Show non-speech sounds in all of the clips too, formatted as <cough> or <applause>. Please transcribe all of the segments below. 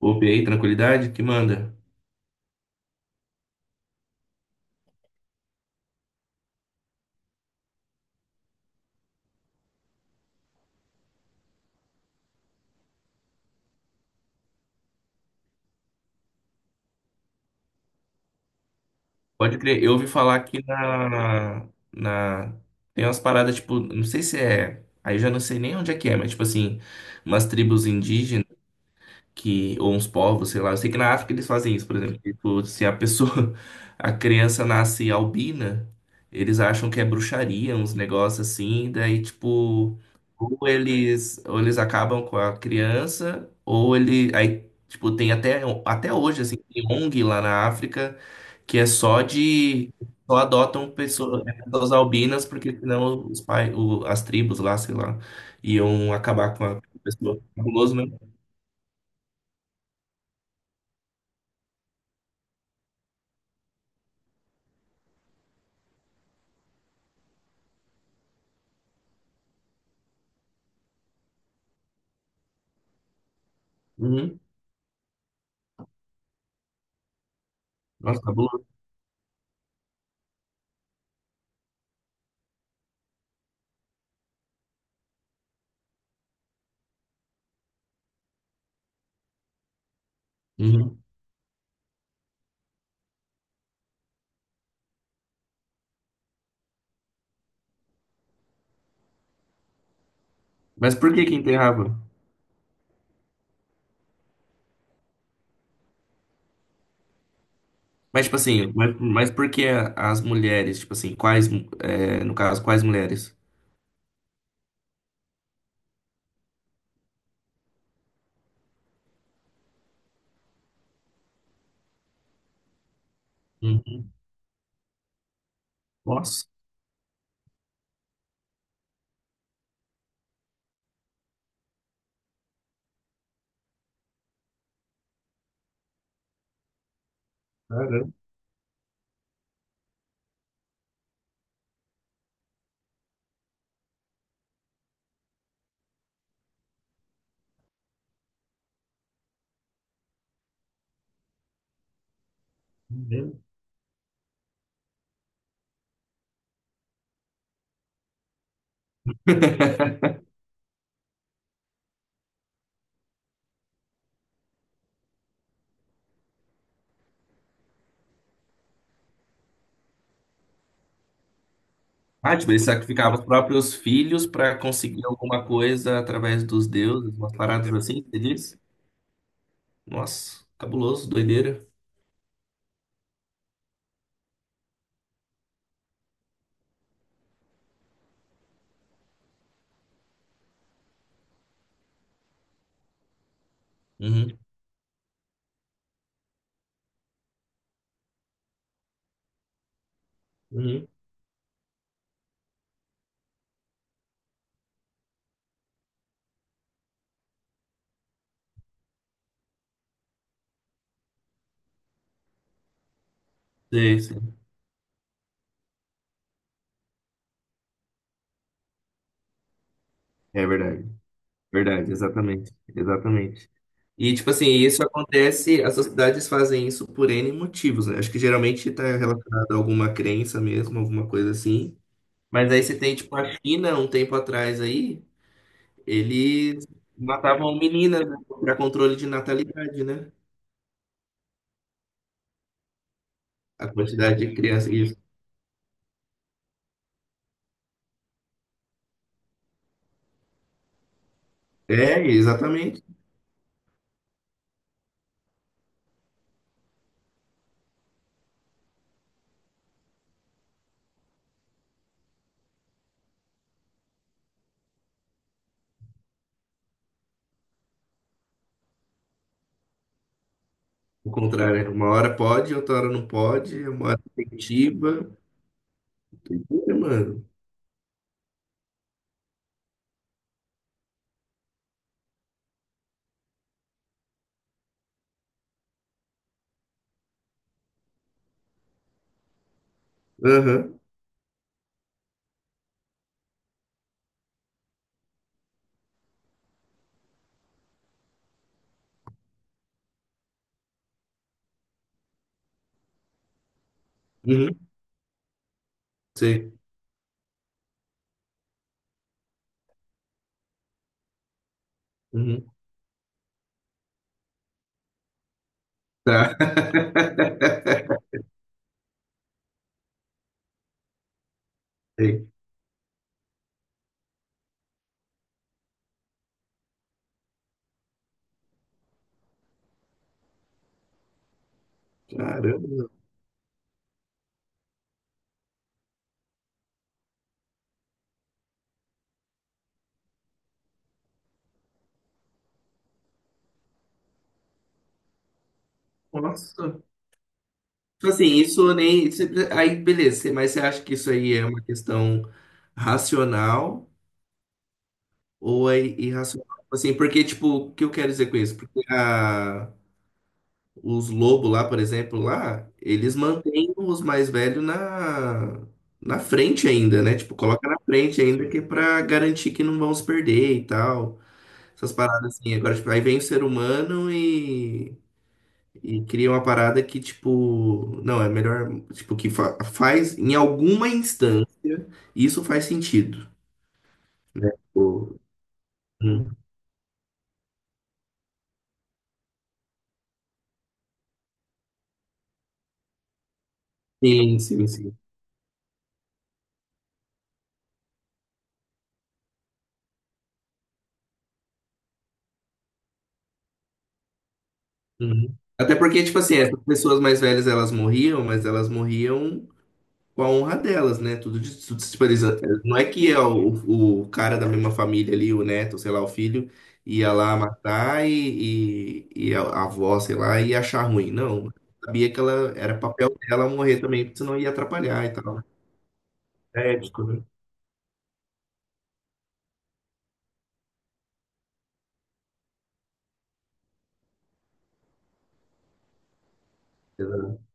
Opa, e aí, tranquilidade? Que manda? Pode crer, eu ouvi falar que na... Tem umas paradas, tipo, não sei se é... Aí eu já não sei nem onde é que é, mas, tipo assim, umas tribos indígenas que ou uns povos, sei lá. Eu sei que na África eles fazem isso, por exemplo. Tipo, se a pessoa, <laughs> a criança nasce albina, eles acham que é bruxaria, uns negócios assim, daí tipo, ou eles acabam com a criança, ou ele, aí tipo, tem até hoje assim, tem ONG lá na África que é só de Só adotam pessoas albinas, porque senão os pai, o- as tribos lá, sei lá, iam acabar com a pessoa. Cabuloso mesmo. Uhum. Nossa, cabuloso. Uhum. Mas por que que enterrava? Mas, tipo assim, mas por que as mulheres? Tipo assim, quais, é, no caso, quais mulheres? Uhum. Nossa, caramba. Entendeu? Ah, tipo, eles sacrificavam os próprios filhos para conseguir alguma coisa através dos deuses, umas paradas assim, você diz? Nossa, cabuloso, doideira. Uhum. Uhum. Sei, sei. É verdade, verdade, exatamente, exatamente. E, tipo assim, isso acontece, as sociedades fazem isso por N motivos, né? Acho que geralmente está relacionado a alguma crença mesmo, alguma coisa assim. Mas aí você tem, tipo, a China, um tempo atrás aí, eles matavam meninas, né, para controle de natalidade, né? A quantidade de crianças. Isso. É, exatamente. O contrário, né? Uma hora pode, outra hora não pode, é uma hora incentiva. Doideira, mano. Aham. Uhum. Sei. Uhum. Tá. <laughs> Sei. Caramba. Nossa. Tipo assim, isso nem. Isso- aí, beleza, você- mas você acha que isso aí é uma questão racional ou é irracional? Tipo assim, porque, tipo, o que eu quero dizer com isso? Porque a- os lobos lá, por exemplo, lá, eles mantêm os mais velhos na, na frente ainda, né? Tipo, coloca na frente ainda que é pra garantir que não vão se perder e tal. Essas paradas assim. Agora, tipo, aí vem o ser humano e cria uma parada que, tipo, não, é melhor, tipo, que faz em alguma instância, isso faz sentido, né? Tipo, hum, sim, sim, sim. Uhum. Até porque, tipo assim, essas pessoas mais velhas, elas morriam, mas elas morriam com a honra delas, né? Tudo de tudo se parisa- não é que é o cara da mesma família ali, o neto, sei lá, o filho, ia lá matar e a avó, sei lá, ia achar ruim. Não. Sabia que ela era papel dela morrer também, porque senão ia atrapalhar e tal. É ético, né? Exato.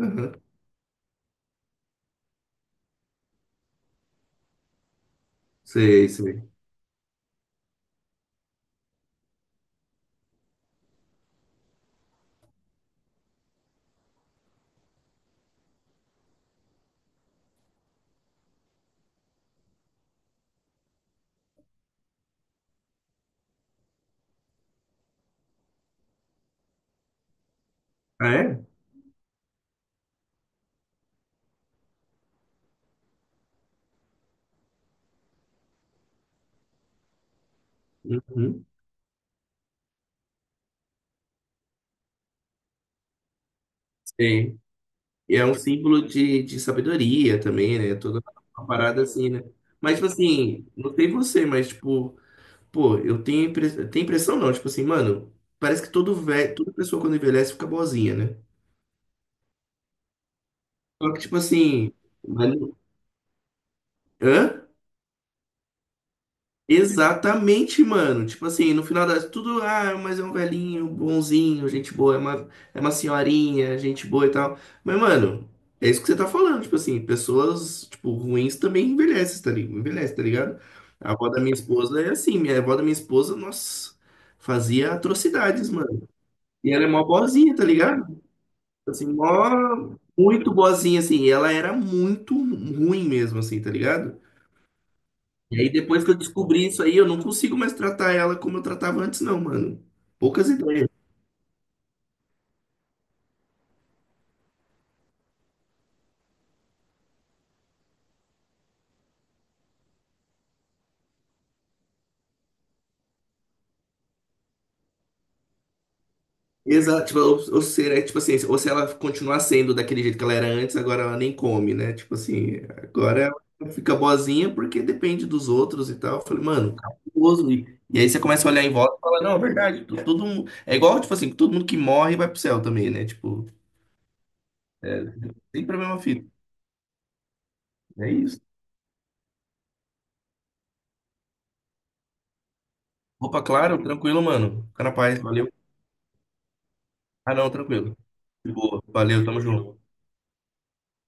Aham. Sei, sei. Ah, é? Uhum. Sei. E é um símbolo de sabedoria também, né? Toda uma parada assim, né? Mas, tipo assim, não sei você, mas, tipo. Pô, eu tenho, tenho impressão não, tipo assim, mano, parece que todo velho, toda pessoa quando envelhece fica boazinha, né? Só que, tipo assim, mas não- hã? Exatamente, mano. Tipo assim, no final das tudo, ah, mas é um velhinho, bonzinho, gente boa, é é uma senhorinha, gente boa e tal. Mas, mano, é isso que você tá falando, tipo assim, pessoas, tipo, ruins também envelhecem, tá ligado? Envelhece, tá ligado? A avó da minha esposa é assim, minha avó da minha esposa, nossa, fazia atrocidades, mano. E ela é mó boazinha, tá ligado? Assim, mó, muito boazinha, assim. Ela era muito ruim mesmo, assim, tá ligado? E aí, depois que eu descobri isso aí, eu não consigo mais tratar ela como eu tratava antes, não, mano. Poucas ideias. Exato, tipo, ou será, tipo assim, ou se ela continuar sendo daquele jeito que ela era antes, agora ela nem come, né? Tipo assim, agora ela fica boazinha porque depende dos outros e tal. Eu falei, mano, cabuloso. E aí você começa a olhar em volta e fala, não, é verdade, todo mundo. É igual, tipo assim, todo mundo que morre vai pro céu também, né? Tipo, é sempre a mesma fita. É isso. Opa, claro, tranquilo, mano. Fica na paz, valeu. Ah, não, tranquilo. De boa, valeu, tamo junto.